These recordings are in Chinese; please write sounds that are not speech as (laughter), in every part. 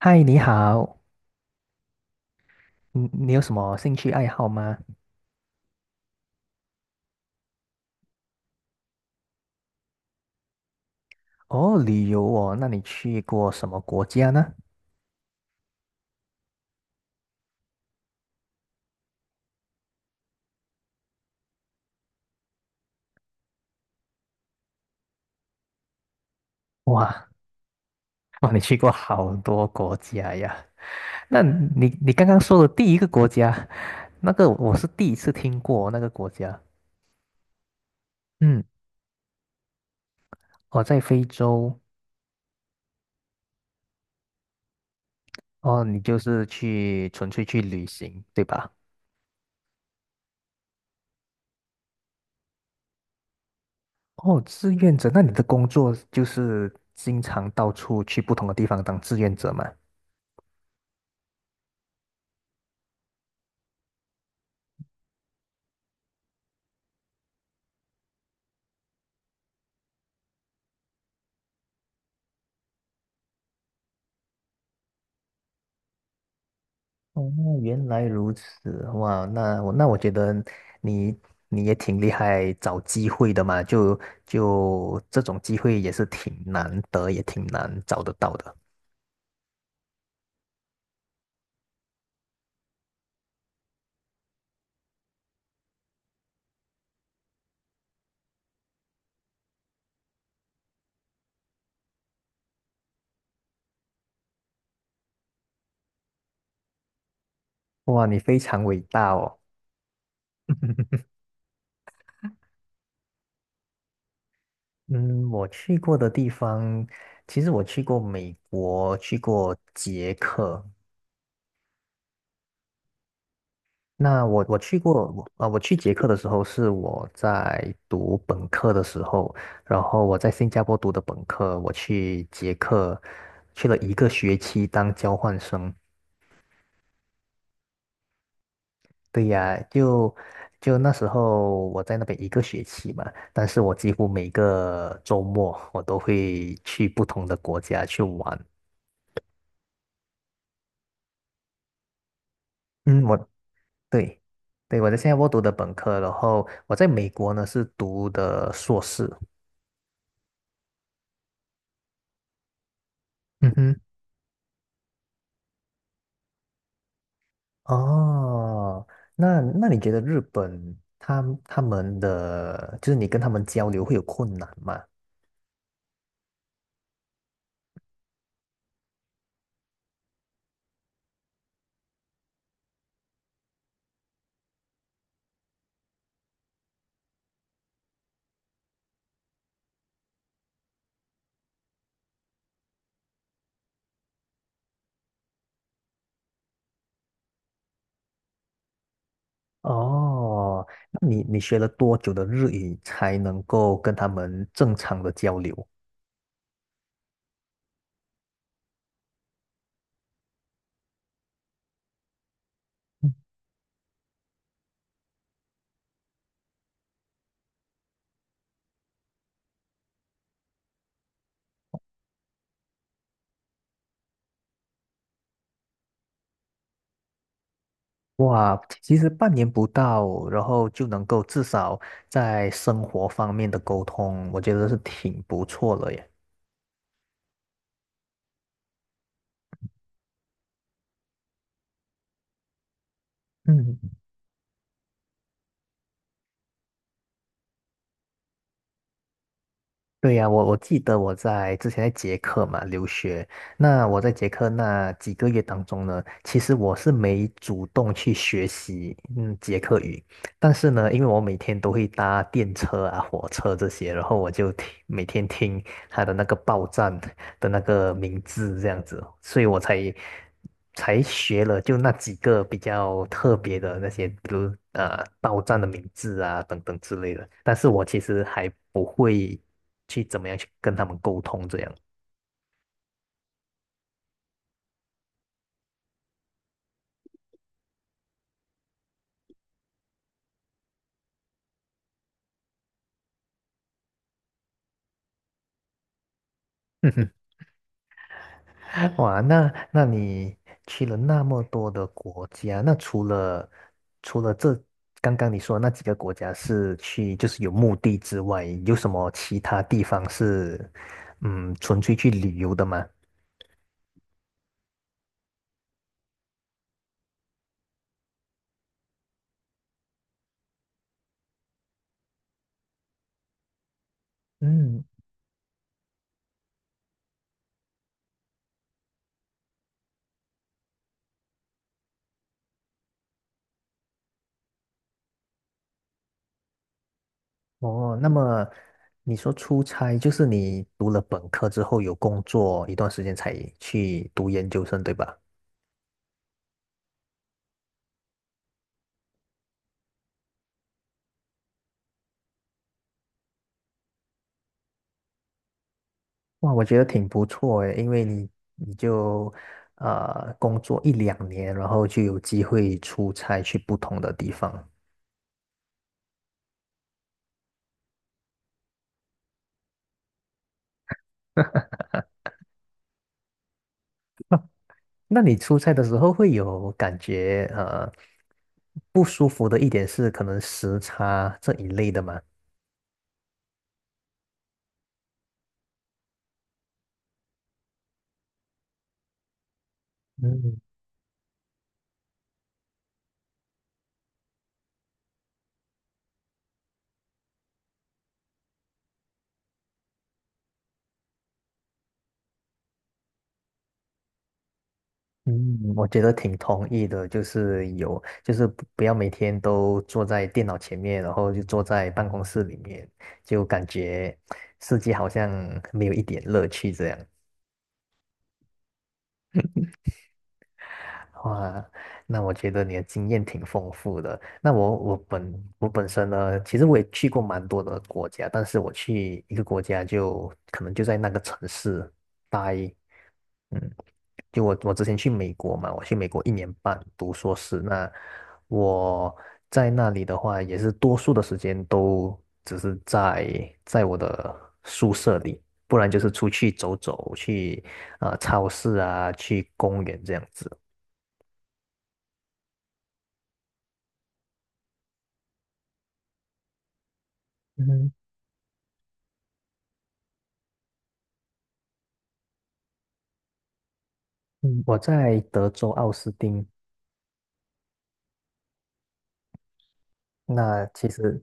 嗨，你好，嗯，你有什么兴趣爱好吗？哦，旅游哦，那你去过什么国家呢？哇，(laughs) 哇，你去过好多国家呀。(laughs) 那你刚刚说的第一个国家，那个我是第一次听过那个国家。嗯，哦，在非洲，哦，你就是去纯粹去旅行，对吧？哦，志愿者，那你的工作就是经常到处去不同的地方当志愿者吗？哦，原来如此，哇，那我觉得你你也挺厉害，找机会的嘛，就这种机会也是挺难得，也挺难找得到的。哇，你非常伟大哦。(laughs) 嗯，我去过的地方，其实我去过美国，去过捷克，那我去过，我去捷克的时候是我在读本科的时候，然后我在新加坡读的本科，我去捷克去了一个学期当交换生。对呀，就那时候我在那边一个学期嘛，但是我几乎每个周末我都会去不同的国家去玩。嗯，我对对我在新加坡读的本科，然后我在美国呢是读的硕士。嗯哼。哦，那那你觉得日本他们的，就是你跟他们交流会有困难吗？哦，那你学了多久的日语才能够跟他们正常的交流？(laughs) 嗯哇，其实半年不到，然后就能够至少在生活方面的沟通，我觉得是挺不错了耶。嗯。对呀，我记得我在之前在捷克嘛留学，那我在捷克那几个月当中呢，其实我是没主动去学习捷克语，但是呢，因为我每天都会搭电车啊、火车这些，然后我就听每天听他的那个报站的那个名字这样子，所以我才学了就那几个比较特别的那些，比如报站的名字啊等等之类的。但是我其实还不会去怎么样去跟他们沟通这样。(laughs) (laughs) 哇，那那你去了那么多的国家，那除了这刚刚你说的那几个国家是去就是有目的之外，有什么其他地方是纯粹去旅游的吗？嗯，哦，那么你说出差，就是你读了本科之后有工作一段时间才去读研究生，对吧？哇，我觉得挺不错诶，因为你工作一两年，然后就有机会出差去不同的地方。那你出差的时候会有感觉不舒服的一点是可能时差这一类的吗？嗯嗯，我觉得挺同意的，就是有就是不不要每天都坐在电脑前面，然后就坐在办公室里面，就感觉世界好像没有一点乐趣这样。哇，那我觉得你的经验挺丰富的。那我本身呢，其实我也去过蛮多的国家，但是我去一个国家就可能就在那个城市待，嗯，就我之前去美国嘛，我去美国一年半读硕士，那我在那里的话，也是多数的时间都只是在我的宿舍里，不然就是出去走走，去超市啊，去公园这样子。嗯。嗯，我在德州奥斯汀，那其实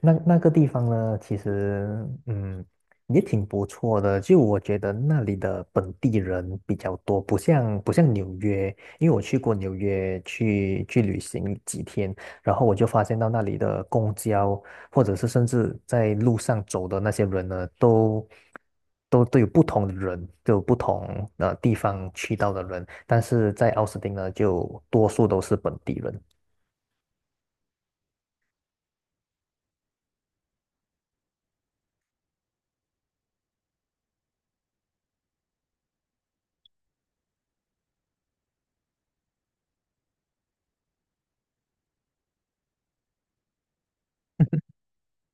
那那个地方呢，其实嗯也挺不错的。就我觉得那里的本地人比较多，不像纽约，因为我去过纽约去旅行几天，然后我就发现到那里的公交，或者是甚至在路上走的那些人呢，都有不同的人，都有不同地方去到的人，但是在奥斯汀呢，就多数都是本地人。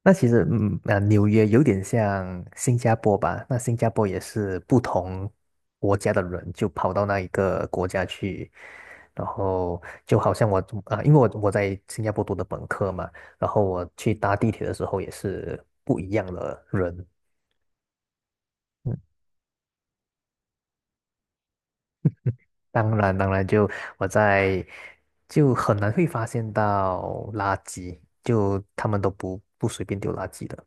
那其实，嗯，啊，纽约有点像新加坡吧？那新加坡也是不同国家的人就跑到那一个国家去，然后就好像我啊，因为我在新加坡读的本科嘛，然后我去搭地铁的时候也是不一样的人。嗯，当然，当然就我在就很难会发现到垃圾，就他们都不随便丢垃圾的。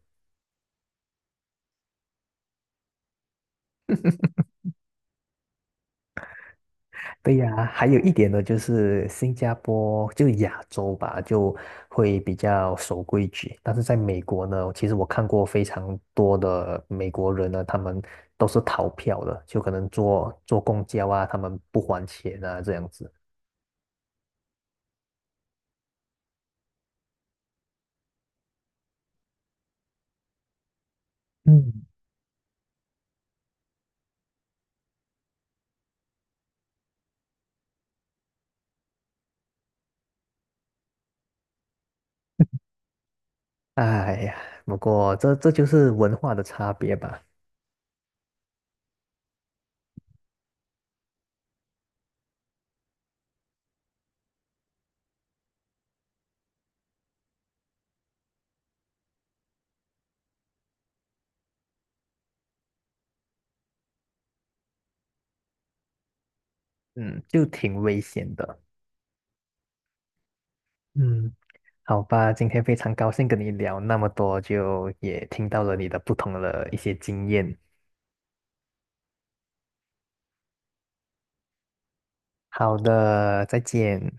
对呀，还有一点呢，就是新加坡就亚洲吧，就会比较守规矩。但是在美国呢，其实我看过非常多的美国人呢，他们都是逃票的，就可能坐公交啊，他们不还钱啊，这样子。嗯。哎呀，不过这就是文化的差别吧，嗯，就挺危险的。嗯，好吧，今天非常高兴跟你聊那么多，就也听到了你的不同的一些经验。好的，再见。